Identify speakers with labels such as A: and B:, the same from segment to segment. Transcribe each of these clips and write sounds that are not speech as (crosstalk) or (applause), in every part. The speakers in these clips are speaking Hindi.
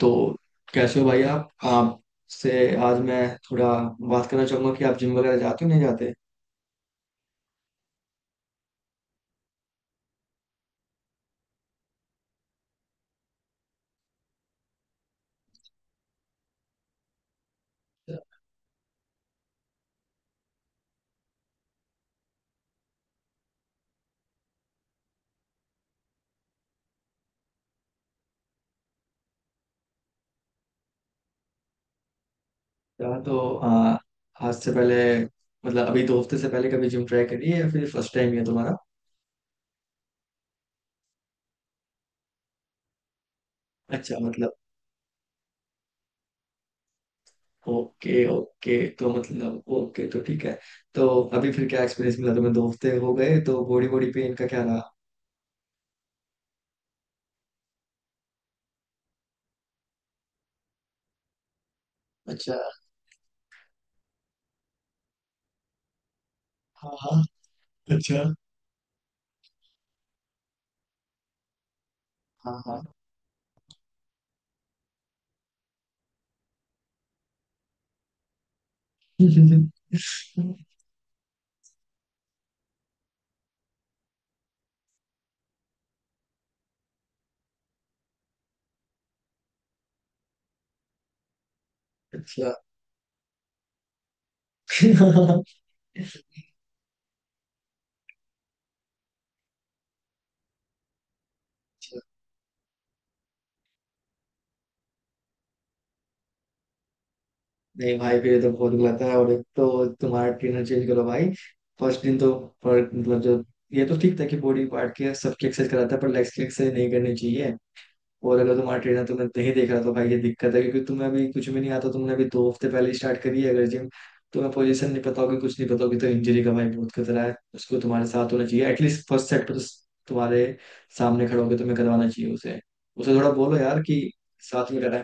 A: तो कैसे हो भाई आप आपसे आज मैं थोड़ा बात करना चाहूंगा कि आप जिम वगैरह जाते हो नहीं जाते। यार तो आज से पहले, मतलब अभी 2 हफ्ते से पहले, कभी जिम ट्राई करी है या फिर फर्स्ट टाइम है तुम्हारा? अच्छा, मतलब ओके, ओके, तो मतलब ओके, तो ठीक है। तो अभी फिर क्या एक्सपीरियंस मिला तुम्हें, 2 हफ्ते हो गए तो बॉडी बॉडी पेन का क्या रहा? अच्छा। हाँ, हाँ। अच्छा। हाँ, हाँ। (laughs) अच्छा। (laughs) अच्छा। नहीं भाई, फिर तो बहुत गलत है, और एक तो तुम्हारा ट्रेनर चेंज करो भाई। फर्स्ट दिन तो पर मतलब जो, ये तो ठीक था कि बॉडी पार्ट के सबकी एक्सरसाइज कराता है, पर लेग्स की एक्सरसाइज नहीं करनी चाहिए। और अगर तुम्हारा ट्रेनर तुम्हें नहीं देख रहा तो भाई ये दिक्कत है, क्योंकि तुम्हें अभी कुछ भी नहीं आता, तुमने अभी 2 हफ्ते पहले स्टार्ट करी है अगर जिम। तुम्हें पोजीशन नहीं पता होगी, कुछ नहीं पता होगी, तो इंजरी का भाई बहुत खतरा है। उसको तुम्हारे साथ होना चाहिए, एटलीस्ट फर्स्ट सेट पर तो तुम्हारे सामने खड़ा होकर तुम्हें करवाना चाहिए उसे। उसे थोड़ा बोलो यार कि साथ में कराए,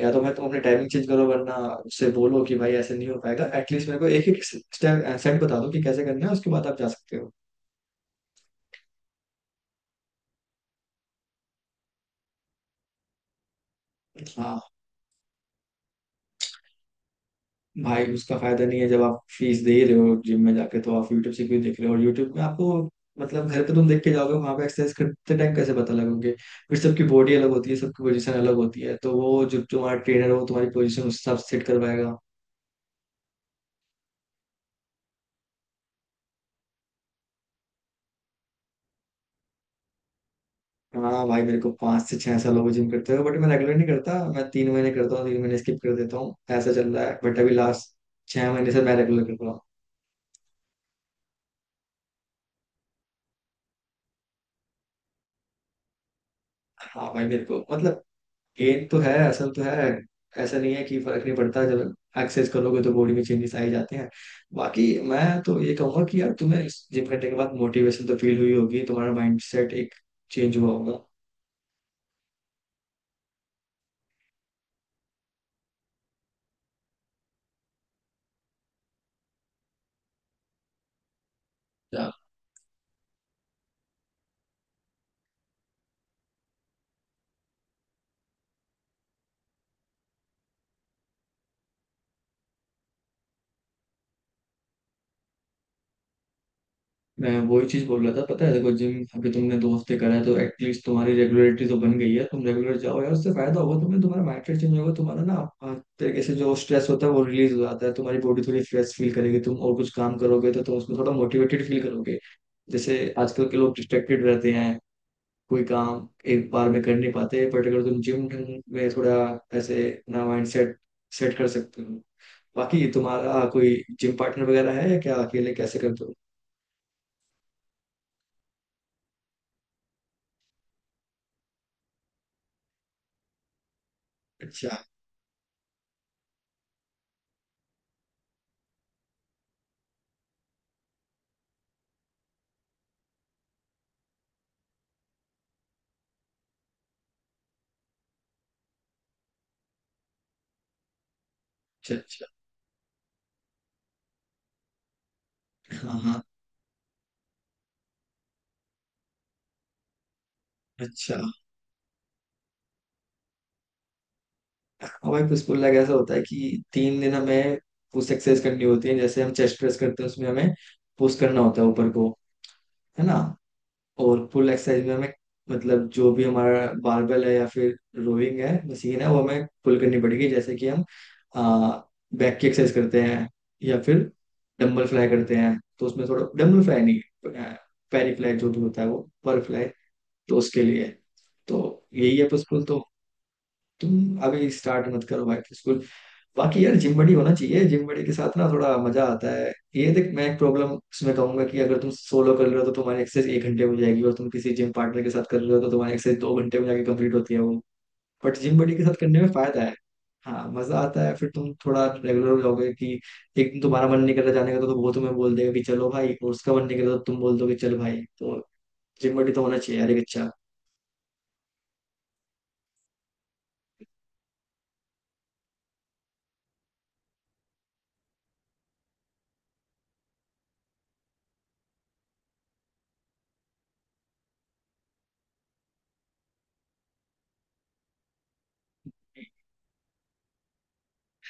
A: या तो मैं तुम अपनी टाइमिंग चेंज करो वरना उससे बोलो कि भाई ऐसे नहीं हो पाएगा, एटलीस्ट मेरे को एक एक स्टेप सेट बता दो कि कैसे करना है, उसके बाद आप जा सकते हो। हाँ। भाई उसका फायदा नहीं है, जब आप फीस दे ही रहे हो जिम में जाके, तो आप यूट्यूब से भी देख रहे हो और यूट्यूब में आपको मतलब घर पे तुम देख के जाओगे, वहां पे एक्सरसाइज करते टाइम कैसे पता लगोगे? फिर सबकी बॉडी अलग होती है, सबकी पोजीशन अलग होती है, तो वो जो तुम्हारा ट्रेनर हो तुम्हारी पोजीशन उस हिसाब से सेट करवाएगा। हाँ भाई, मेरे को 5 से 6 साल हो गए जिम करते हुए, बट मैं रेगुलर नहीं करता, मैं 3 महीने करता हूँ, 3 महीने स्किप कर देता हूँ, ऐसा चल रहा है। बट अभी लास्ट 6 महीने से मैं रेगुलर कर रहा हूँ। हाँ भाई मेरे को, मतलब गेन तो है, असल तो है। ऐसा नहीं है कि फर्क नहीं पड़ता, जब एक्सरसाइज करोगे तो बॉडी में चेंजेस आ ही जाते हैं। बाकी मैं तो ये कहूंगा कि यार तुम्हें जिम करने के बाद मोटिवेशन तो फील हुई होगी, तुम्हारा माइंड सेट एक चेंज हुआ होगा। मैं वही चीज बोल रहा था, पता है? देखो, जिम अभी तुमने 2 हफ्ते करा है, तो एटलीस्ट तुम्हारी रेगुलरिटी तो बन गई है। तुम रेगुलर जाओ यार, उससे फायदा होगा तुम्हें, तुम्हारा माइंडसेट चेंज होगा, तुम्हारा ना आ, तरीके से जो स्ट्रेस होता है वो रिलीज हो जाता है, तुम्हारी बॉडी थोड़ी फ्रेश फील करेगी, तुम और कुछ काम करोगे तो तुम उसमें थोड़ा मोटिवेटेड फील करोगे। जैसे आजकल के लोग डिस्ट्रैक्टेड रहते हैं, कोई काम एक बार में कर नहीं पाते, बट अगर तुम जिम में थोड़ा ऐसे अपना माइंड सेट सेट कर सकते हो। बाकी तुम्हारा कोई जिम पार्टनर वगैरह है या क्या, अकेले कैसे करते हो? अच्छा। अच्छा। अच्छा। हाँ, हाँ। अच्छा। हमारे पुश पुल लेग ऐसा होता है कि 3 दिन हमें पुश एक्सरसाइज करनी होती है, जैसे हम चेस्ट प्रेस करते हैं उसमें हमें पुश करना होता है ऊपर को, है ना? और पुल एक्सरसाइज में हमें मतलब जो भी हमारा बारबेल है या फिर रोइंग है मशीन है, वो हमें पुल करनी पड़ेगी। जैसे कि हम आ, बैक की एक्सरसाइज करते हैं, या फिर डंबल फ्लाई करते हैं तो उसमें थोड़ा, डंबल फ्लाई नहीं, पैरी फ्लाई जो भी होता है, वो पर फ्लाई। तो उसके लिए तो, यही है पुश पुल। तो तुम अभी स्टार्ट मत करो बैक टू स्कूल। बाकी यार जिम बड़ी होना चाहिए, जिम बड़ी के साथ ना थोड़ा मजा आता है। ये देख, मैं एक प्रॉब्लम उसमें कहूंगा कि अगर तुम सोलो कर रहे हो तो तुम्हारी एक्सरसाइज 1 घंटे में हो जाएगी, और तुम किसी जिम पार्टनर के साथ कर रहे हो तो तुम्हारी एक्सरसाइज 2 घंटे में जाके कंप्लीट होती है वो, बट जिम बड़ी के साथ करने में फायदा है। हाँ, मजा आता है, फिर तुम थोड़ा रेगुलर हो जाओगे कि एक दिन तुम्हारा मन नहीं कर रहा जाने का, तो वो तुम्हें बोल देगा कि चलो भाई, और उसका मन नहीं कर रहा तो तुम बोल दोगे चल भाई। तो जिम बड़ी तो होना चाहिए यार, एक अच्छा।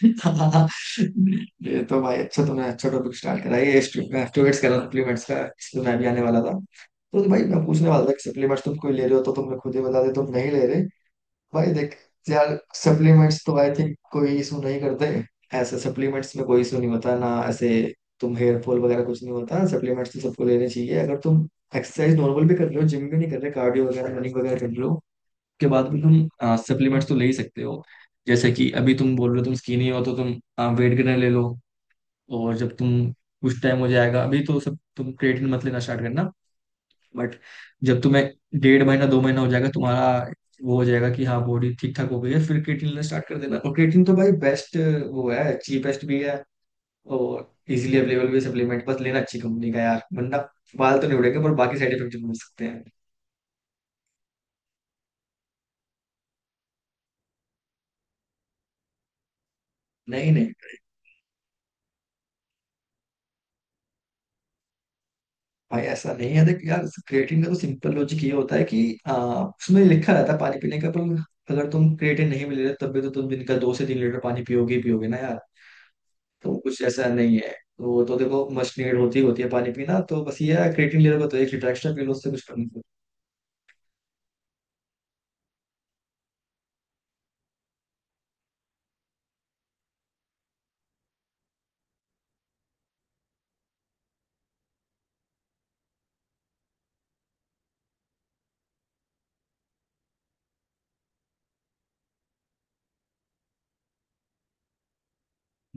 A: ये तो भाई अच्छा, तुमने अच्छा टॉपिक स्टार्ट करा है। ये स्टूडेंट्स कह रहा सप्लीमेंट्स का, इसलिए मैं भी आने वाला था। तो भाई मैं पूछने वाला था कि सप्लीमेंट्स तुम कोई ले रहे हो, तो तुमने खुद ही बता दिया तुम नहीं ले रहे। भाई देख यार, सप्लीमेंट्स तो आई थिंक कोई इशू नहीं करते, ऐसे सप्लीमेंट्स में कोई इशू नहीं होता ना, ऐसे तुम हेयर फॉल वगैरह कुछ नहीं होता। सप्लीमेंट्स तो सबको लेने चाहिए, अगर तुम एक्सरसाइज नॉर्मल भी कर रहे हो, जिम भी नहीं कर रहे, कार्डियो वगैरह रनिंग वगैरह कर रहे हो, के बाद में तुम सप्लीमेंट्स तो ले ही सकते हो। जैसे कि अभी तुम बोल रहे हो तुम स्किनी हो, तो तुम वेट गेनर ले लो। और जब तुम, कुछ टाइम हो जाएगा अभी तो सब, तुम क्रिएटिन मत लेना स्टार्ट करना, बट जब तुम्हें 1.5 महीना 2 महीना हो जाएगा तुम्हारा, वो हो जाएगा कि हाँ बॉडी ठीक ठाक हो गई है, फिर क्रिएटिन लेना स्टार्ट कर देना। और क्रिएटिन तो भाई बेस्ट वो है, चीपेस्ट भी है और इजीली अवेलेबल भी सप्लीमेंट, बस लेना अच्छी कंपनी का यार, वरना बाल तो नहीं उड़ेंगे पर बाकी साइड इफेक्ट जरूर हो सकते हैं। नहीं, नहीं, भाई ऐसा नहीं है, देख यार, क्रिएटिन का तो सिंपल लॉजिक ये होता है कि आ, उसमें लिखा रहता है पानी पीने का, पर अगर तुम क्रिएटिन नहीं मिल रहे तब भी तो तुम दिन का 2 से 3 लीटर पानी पियोगे ही पियोगे ना यार। तो कुछ ऐसा नहीं है, तो देखो मस्ट नीड होती ही होती है पानी पीना, तो बस ये है क्रिएटिन ले रहे हो तो 1 लीटर एक्स्ट्रा पी लो, उससे कुछ फर्क नहीं पड़ता।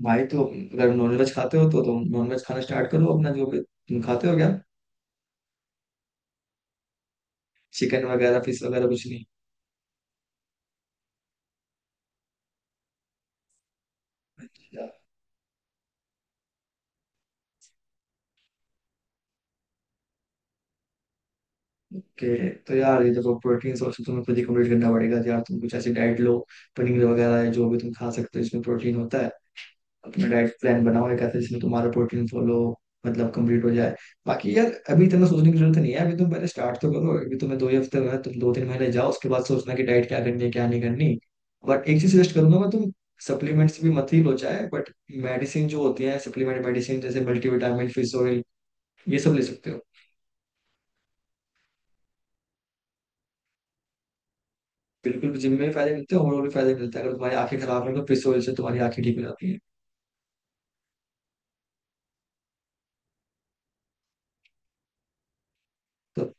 A: भाई तो अगर नॉनवेज खाते हो तो तुम नॉनवेज खाना स्टार्ट करो, अपना जो भी तुम खाते हो क्या, चिकन वगैरह फिश वगैरह कुछ नहीं? ओके, तो यार ये देखो प्रोटीन सोर्स तो तुम्हें खुद ही कंप्लीट करना पड़ेगा। तो यार तुम कुछ ऐसी डाइट लो, पनीर वगैरह है जो भी तुम खा सकते हो इसमें प्रोटीन होता है। अपना डाइट प्लान बनाओ एक ऐसे जिसमें तुम्हारा प्रोटीन फॉलो, मतलब कंप्लीट हो जाए। बाकी यार अभी इतना सोचने की जरूरत नहीं है, अभी तुम पहले स्टार्ट तो करो, अभी तुम्हें 2 ही हफ्ते में, तुम 2 3 महीने जाओ उसके बाद सोचना कि डाइट क्या करनी है क्या नहीं करनी। बट एक चीज सजेस्ट करूंगा मैं, तुम सप्लीमेंट्स भी मत ही लो चाहे, बट मेडिसिन जो होती है सप्लीमेंट मेडिसिन, जैसे मल्टीविटामिन, फिश ऑयल, ये सब ले सकते हो। बिल्कुल जिम में भी फायदे मिलते हैं, और भी फायदे मिलते हैं। अगर तुम्हारी आंखें खराब है तो फिश ऑयल से तुम्हारी आंखें ठीक हो जाती है। तो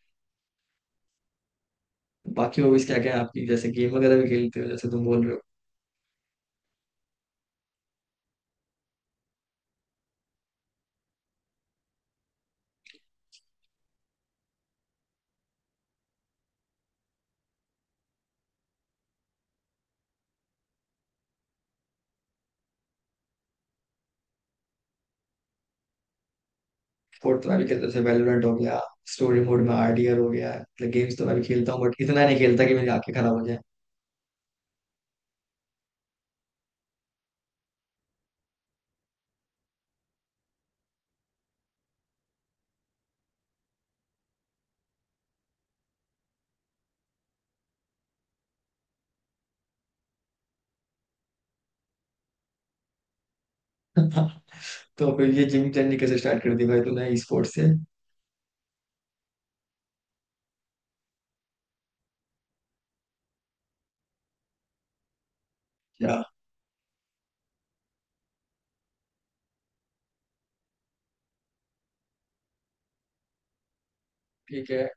A: बाकी हॉबीज क्या क्या है आपकी, जैसे गेम वगैरह भी खेलते हो जैसे तुम बोल रहे हो? स्पोर्ट तो मैं भी खेलता हूँ, जैसे वैलोरेंट हो गया, स्टोरी मोड में आरडीआर हो गया, मतलब गेम्स तो मैं भी खेलता हूँ, बट इतना नहीं खेलता कि मेरी आंखें खराब हो जाए। (laughs) तो फिर ये जिम जर्नी कैसे स्टार्ट कर दी भाई तूने ई स्पोर्ट्स से? या, ठीक है,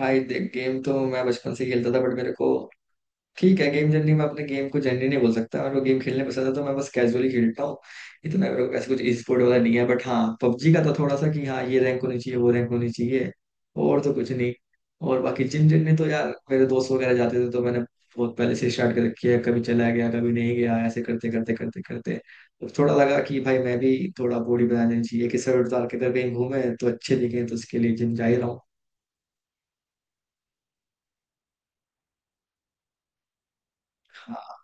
A: भाई देख गेम तो मैं बचपन से ही खेलता था, बट मेरे को ठीक है, गेम जर्नी में अपने गेम को जर्नी नहीं बोल सकता, और वो गेम खेलने पसंद है तो मैं बस कैजुअली खेलता हूँ। ये तो मैं, मेरे को ऐसे कुछ ई स्पोर्ट वाला नहीं है, बट हाँ पबजी का तो थोड़ा सा कि हाँ ये रैंक होनी चाहिए वो रैंक होनी चाहिए, और तो कुछ नहीं। और बाकी जिम जर्नी तो यार, मेरे दोस्त वगैरह जाते थे तो मैंने बहुत पहले से स्टार्ट कर रखी है, कभी चला गया कभी नहीं गया, ऐसे करते करते करते करते तो थोड़ा लगा कि भाई मैं भी थोड़ा बॉडी बनानी चाहिए, कि सर उतार के अगर कहीं घूमे तो अच्छे दिखे, तो उसके लिए जिम जा ही रहा हूँ।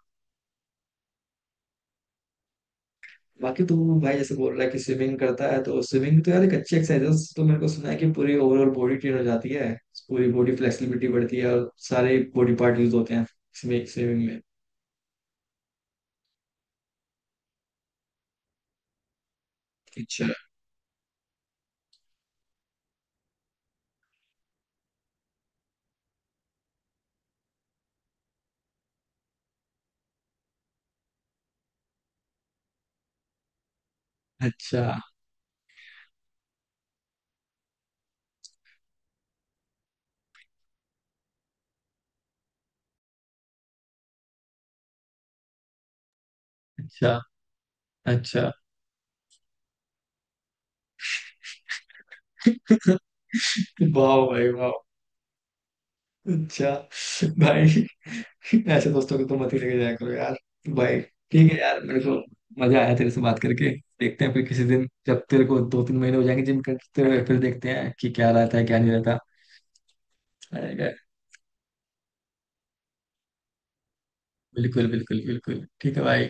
A: बाकी तू भाई जैसे बोल रहा है कि स्विमिंग करता है, तो स्विमिंग तो यार एक अच्छी एक्सरसाइज है। तो मेरे को सुना है कि पूरी ओवरऑल बॉडी ट्रेन हो जाती है, पूरी बॉडी फ्लेक्सिबिलिटी बढ़ती है और सारे बॉडी पार्ट यूज होते हैं स्विमिंग स्विमिंग में। अच्छा। अच्छा। अच्छा। अच्छा। (laughs) वाह भाई वाह। अच्छा। भाई ऐसे दोस्तों को तो मत ही लेके जाया करो यार, भाई। ठीक है यार, मेरे को मजा आया तेरे से बात करके। देखते हैं फिर किसी दिन, जब तेरे को 2 3 महीने हो जाएंगे जिम करते हुए, फिर देखते हैं कि क्या रहता है क्या नहीं रहता। बिल्कुल, बिल्कुल, बिल्कुल ठीक है भाई।